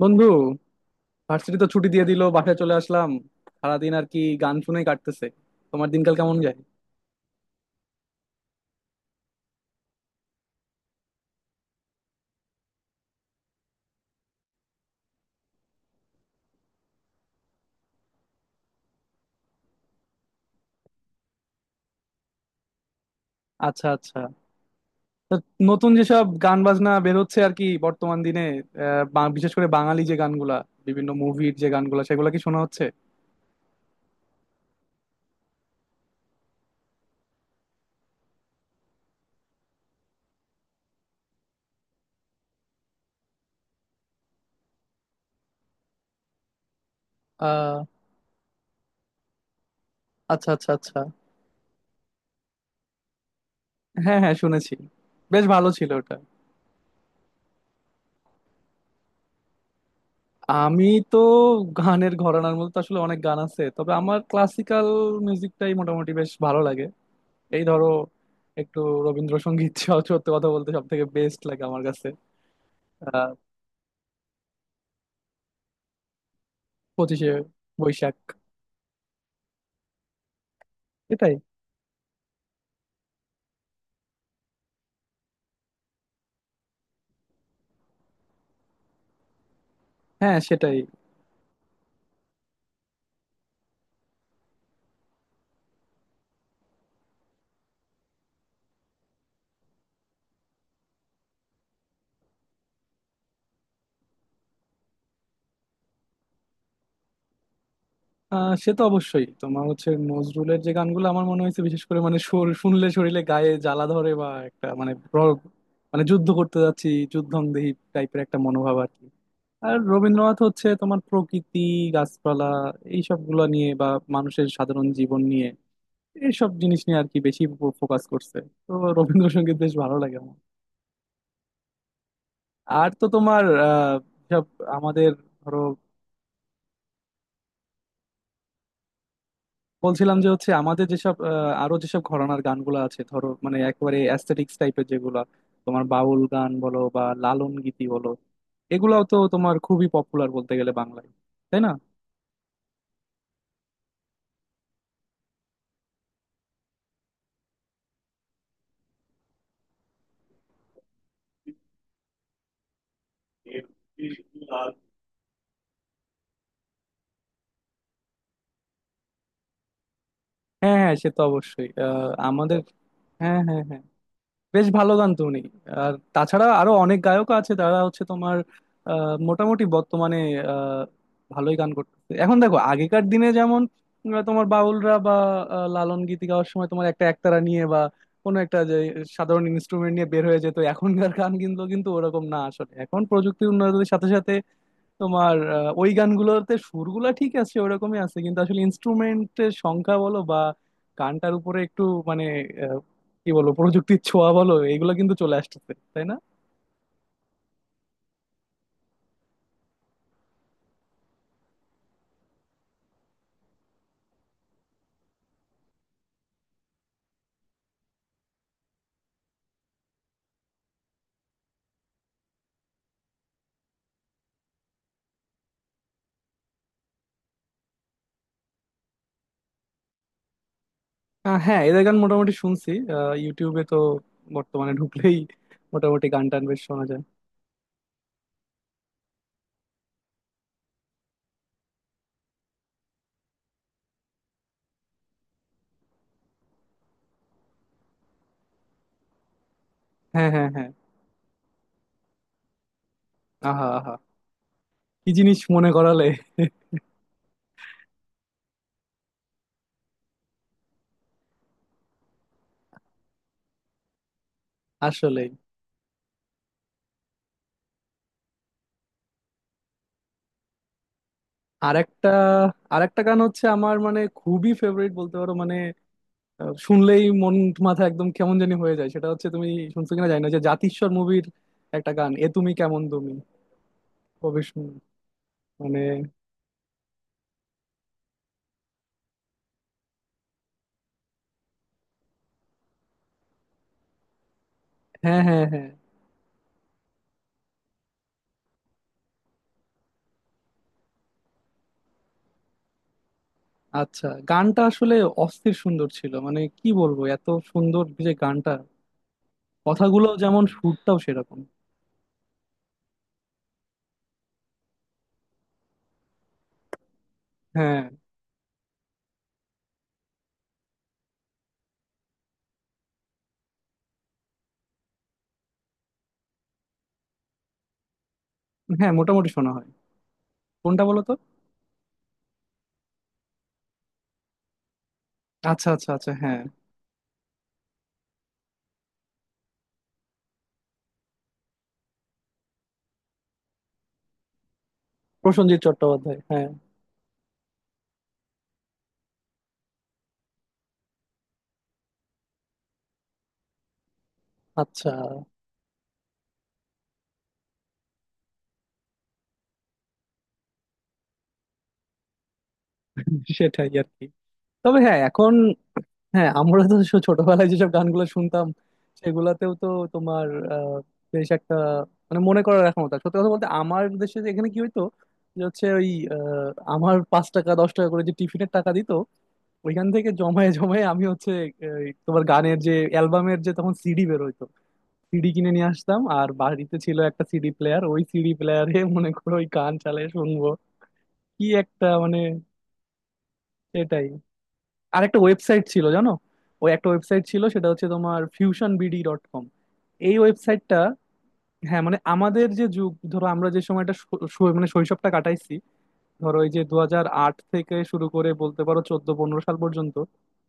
বন্ধু, ভার্সিটি তো ছুটি দিয়ে দিল। বাসায় চলে আসলাম। সারাদিন আর কি গান শুনেই কাটতেছে। তোমার দিনকাল কেমন যায়? আচ্ছা, আচ্ছা। তো নতুন যেসব গান বাজনা বের হচ্ছে আর কি বর্তমান দিনে। বিশেষ করে বাঙালি যে গানগুলা, বিভিন্ন মুভির যে গানগুলা সেগুলা কি শোনা হচ্ছে? আহ আচ্ছা, আচ্ছা, আচ্ছা। হ্যাঁ, হ্যাঁ, শুনেছি। বেশ ভালো ছিল ওটা। আমি তো, গানের ঘরানার মধ্যে তো আসলে অনেক গান আছে, তবে আমার ক্লাসিক্যাল মিউজিকটাই মোটামুটি বেশ ভালো লাগে। এই ধরো একটু রবীন্দ্রসঙ্গীত সত্যি কথা বলতে সব থেকে বেস্ট লাগে আমার কাছে। আহ পঁচিশে বৈশাখ। এটাই। হ্যাঁ, সেটাই। সে তো অবশ্যই। তোমার হচ্ছে নজরুলের যে গানগুলো, আমার মনে হয়েছে বিশেষ করে মানে সুর শুনলে শরীরে গায়ে জ্বালা ধরে, বা একটা মানে মানে যুদ্ধ করতে যাচ্ছি, যুদ্ধংদেহী টাইপের একটা মনোভাব আর কি। আর রবীন্দ্রনাথ হচ্ছে তোমার প্রকৃতি, গাছপালা, এইসব গুলা নিয়ে, বা মানুষের সাধারণ জীবন নিয়ে, এইসব জিনিস নিয়ে আর কি বেশি ফোকাস করছে। তো রবীন্দ্রসঙ্গীত বেশ ভালো লাগে আমার। আর তো তোমার সব আমাদের ধরো। বলছিলাম যে হচ্ছে আমাদের যেসব আরো যেসব ঘরানার গানগুলো আছে ধরো, মানে একেবারে অ্যাস্থেটিক্স টাইপের যেগুলা, তোমার বাউল গান বলো বা লালন গীতি বলো, এগুলাও তো তোমার খুবই পপুলার বলতে গেলে বাংলায়, তাই না? হ্যাঁ, হ্যাঁ, সে তো অবশ্যই। আমাদের। হ্যাঁ, হ্যাঁ, হ্যাঁ। বেশ ভালো গান তো উনি। আর তাছাড়া আরো অনেক গায়ক আছে, তারা হচ্ছে তোমার মোটামুটি বর্তমানে আহ, ভালোই গান করতেছে। এখন দেখো, আগেকার দিনে যেমন তোমার বাউলরা, বা লালন গীতি গাওয়ার সময় তোমার একটা একতারা নিয়ে বা কোনো একটা যে সাধারণ ইনস্ট্রুমেন্ট নিয়ে বের হয়ে যেত, এখনকার গান কিন্তু কিন্তু ওরকম না আসলে। এখন প্রযুক্তির উন্নতির সাথে সাথে তোমার ওই গানগুলোতে সুরগুলা ঠিক আছে, ওরকমই আছে, কিন্তু আসলে ইনস্ট্রুমেন্টের সংখ্যা বলো বা গানটার উপরে একটু মানে আহ, কি বলবো, প্রযুক্তির ছোঁয়া বলো, এগুলো কিন্তু চলে আসতেছে, তাই না? হ্যাঁ, এদের গান মোটামুটি শুনছি। ইউটিউবে তো বর্তমানে ঢুকলেই মোটামুটি গান টান বেশ শোনা যায়। হ্যাঁ, হ্যাঁ, হ্যাঁ। আহা, আহা, কি জিনিস মনে করালে! আসলেই। আরেকটা আরেকটা গান হচ্ছে আমার মানে খুবই ফেভারিট বলতে পারো মানে শুনলেই মন মাথা একদম কেমন জানি হয়ে যায়। সেটা হচ্ছে, তুমি শুনছো কিনা জানি না, যে জাতিস্বর মুভির একটা গান, এ তুমি কেমন তুমি। কবে শুন মানে হ্যাঁ, হ্যাঁ, হ্যাঁ। আচ্ছা, গানটা আসলে অস্থির সুন্দর ছিল, মানে কি বলবো, এত সুন্দর যে গানটা। কথাগুলো যেমন সুরটাও সেরকম। হ্যাঁ, হ্যাঁ, মোটামুটি শোনা হয়। কোনটা বলো তো? আচ্ছা, আচ্ছা, আচ্ছা, হ্যাঁ। প্রসেনজিৎ চট্টোপাধ্যায়, হ্যাঁ। আচ্ছা। সেটাই আর কি। তবে হ্যাঁ, এখন, হ্যাঁ, আমরা তো ছোটবেলায় যেসব গানগুলো শুনতাম, সেগুলাতেও তো তোমার আহ, বেশ একটা মানে মনে করার রাখার মতো। সত্যি কথা বলতে, আমার দেশে যে এখানে কি হইতো, যে হচ্ছে ওই আহ, আমার 5 টাকা 10 টাকা করে যে টিফিনের টাকা দিত, ওইখান থেকে জমায়ে জমায়ে আমি হচ্ছে, এই, তোমার গানের যে অ্যালবামের যে তখন সিডি বের হইতো, সিডি কিনে নিয়ে আসতাম। আর বাড়িতে ছিল একটা সিডি প্লেয়ার, ওই সিডি প্লেয়ারে মনে করো ওই গান চালিয়ে শুনবো, কি একটা মানে! সেটাই। আরেকটা ওয়েবসাইট ছিল, জানো? ওই একটা ওয়েবসাইট ছিল, সেটা হচ্ছে তোমার fusionbd.com। এই ওয়েবসাইটটা। হ্যাঁ, মানে আমাদের যে যুগ, ধরো, আমরা যে সময়টা শৈ- শৈ- মানে শৈশবটা কাটাইছি, ধরো এই যে 2008 থেকে শুরু করে বলতে পারো 14-15 সাল পর্যন্ত,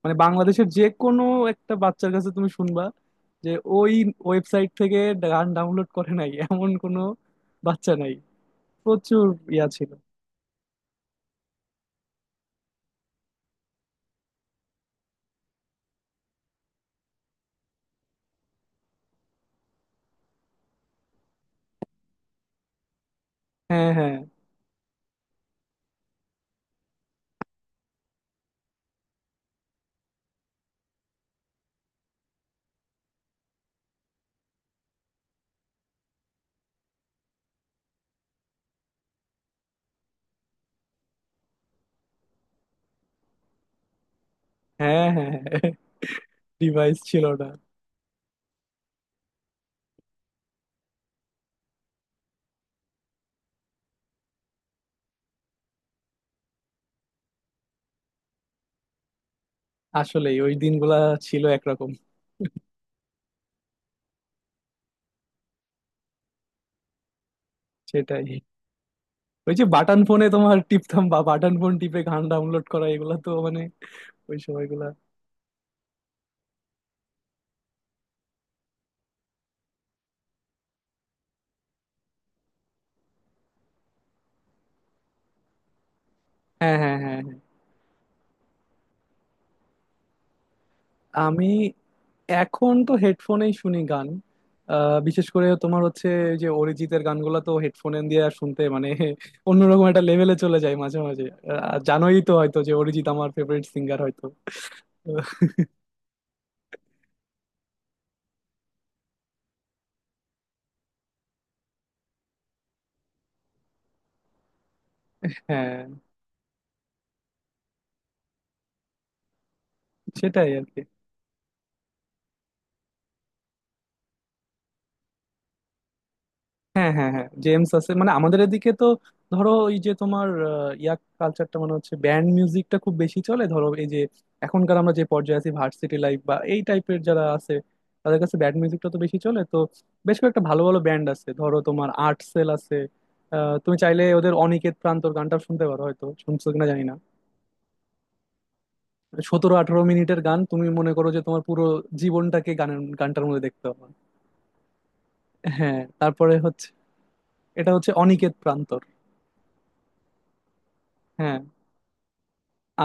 মানে বাংলাদেশের যে কোনো একটা বাচ্চার কাছে তুমি শুনবা যে ওই ওয়েবসাইট থেকে গান ডাউনলোড করে নাই এমন কোনো বাচ্চা নাই। প্রচুর ইয়া ছিল। হ্যাঁ, হ্যাঁ, হ্যাঁ, হ্যাঁ। ডিভাইস ছিল না। আসলেই, ওই দিনগুলা ছিল একরকম। সেটাই। ওই যে বাটন ফোনে তোমার টিপতাম, বা বাটন ফোন টিপে গান ডাউনলোড করা, এগুলা তো মানে, ওই সময়গুলা। হ্যাঁ, হ্যাঁ, হ্যাঁ, হ্যাঁ। আমি এখন তো হেডফোনেই শুনি গান। বিশেষ করে তোমার হচ্ছে ওই যে অরিজিতের গানগুলা তো হেডফোনে দিয়ে আর শুনতে মানে অন্যরকম একটা লেভেলে চলে যায় মাঝে মাঝে। জানোই তো হয়তো যে অরিজিৎ আমার ফেভারিট সিঙ্গার হয়তো তো। হ্যাঁ, সেটাই আর কি। হ্যাঁ, হ্যাঁ, হ্যাঁ, জেমস আছে মানে আমাদের এদিকে তো। ধরো এই যে তোমার ইয়াক কালচারটা মানে হচ্ছে ব্যান্ড মিউজিকটা খুব বেশি চলে, ধরো এই যে এখনকার আমরা যে পর্যায়ে আছি, ভার্সিটি লাইফ বা এই টাইপের যারা আছে, তাদের কাছে ব্যান্ড মিউজিকটা তো বেশি চলে। তো বেশ কয়েকটা ভালো ভালো ব্যান্ড আছে, ধরো তোমার আর্ট সেল আছে। তুমি চাইলে ওদের অনিকেত প্রান্তর গানটা শুনতে পারো, হয়তো শুনছো কিনা জানি না। 17-18 মিনিটের গান, তুমি মনে করো যে তোমার পুরো জীবনটাকে গানের গানটার মধ্যে দেখতে পাবো। হ্যাঁ। তারপরে হচ্ছে, এটা হচ্ছে অনিকেত প্রান্তর। হ্যাঁ।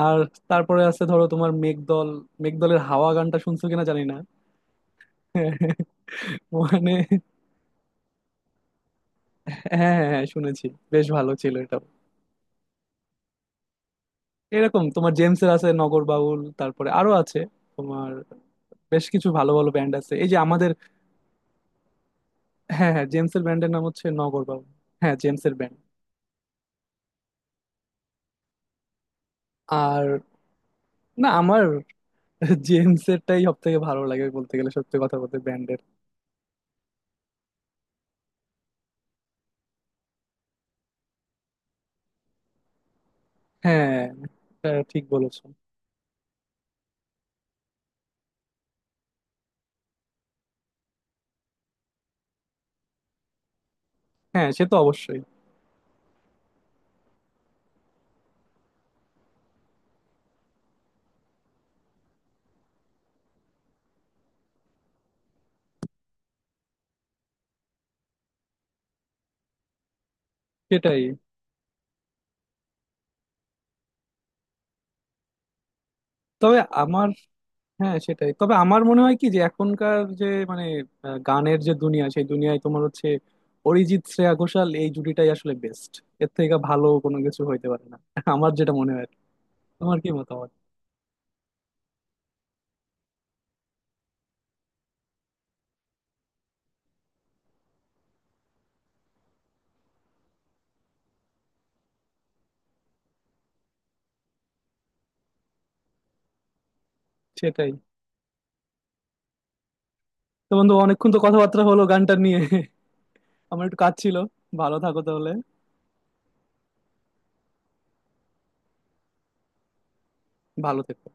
আর, তারপরে আছে ধরো তোমার মেঘদল। মেঘদলের হাওয়া গানটা শুনছো কিনা জানি না, মানে। হ্যাঁ, হ্যাঁ, হ্যাঁ, শুনেছি। বেশ ভালো ছিল এটাও। এরকম তোমার জেমসের আছে নগর বাউল, তারপরে আরো আছে তোমার বেশ কিছু ভালো ভালো ব্যান্ড আছে এই যে আমাদের। হ্যাঁ, হ্যাঁ, জেমসের ব্যান্ডের নাম হচ্ছে নগর বাউল। হ্যাঁ, জেমসের ব্যান্ড। আর, না, আমার জেমসেরটাই সব থেকে ভালো লাগে বলতে গেলে, সত্যি কথা বলতে, ব্যান্ডের। হ্যাঁ, এটা ঠিক বলেছো। হ্যাঁ, সে তো অবশ্যই। সেটাই। তবে আমার, হ্যাঁ সেটাই, তবে আমার মনে হয় কি, যে এখনকার যে মানে গানের যে দুনিয়া, সেই দুনিয়ায় তোমার হচ্ছে অরিজিৎ শ্রেয়া ঘোষাল এই জুটিটাই আসলে বেস্ট। এর থেকে ভালো কোনো কিছু হইতে পারে না আমার যেটা মনে হয়। তোমার কি মতামত? সেটাই। তো বন্ধু, অনেকক্ষণ তো কথাবার্তা হলো গানটা নিয়ে আমার একটু কাজ ছিল। ভালো থাকো তাহলে। ভালো থেকো।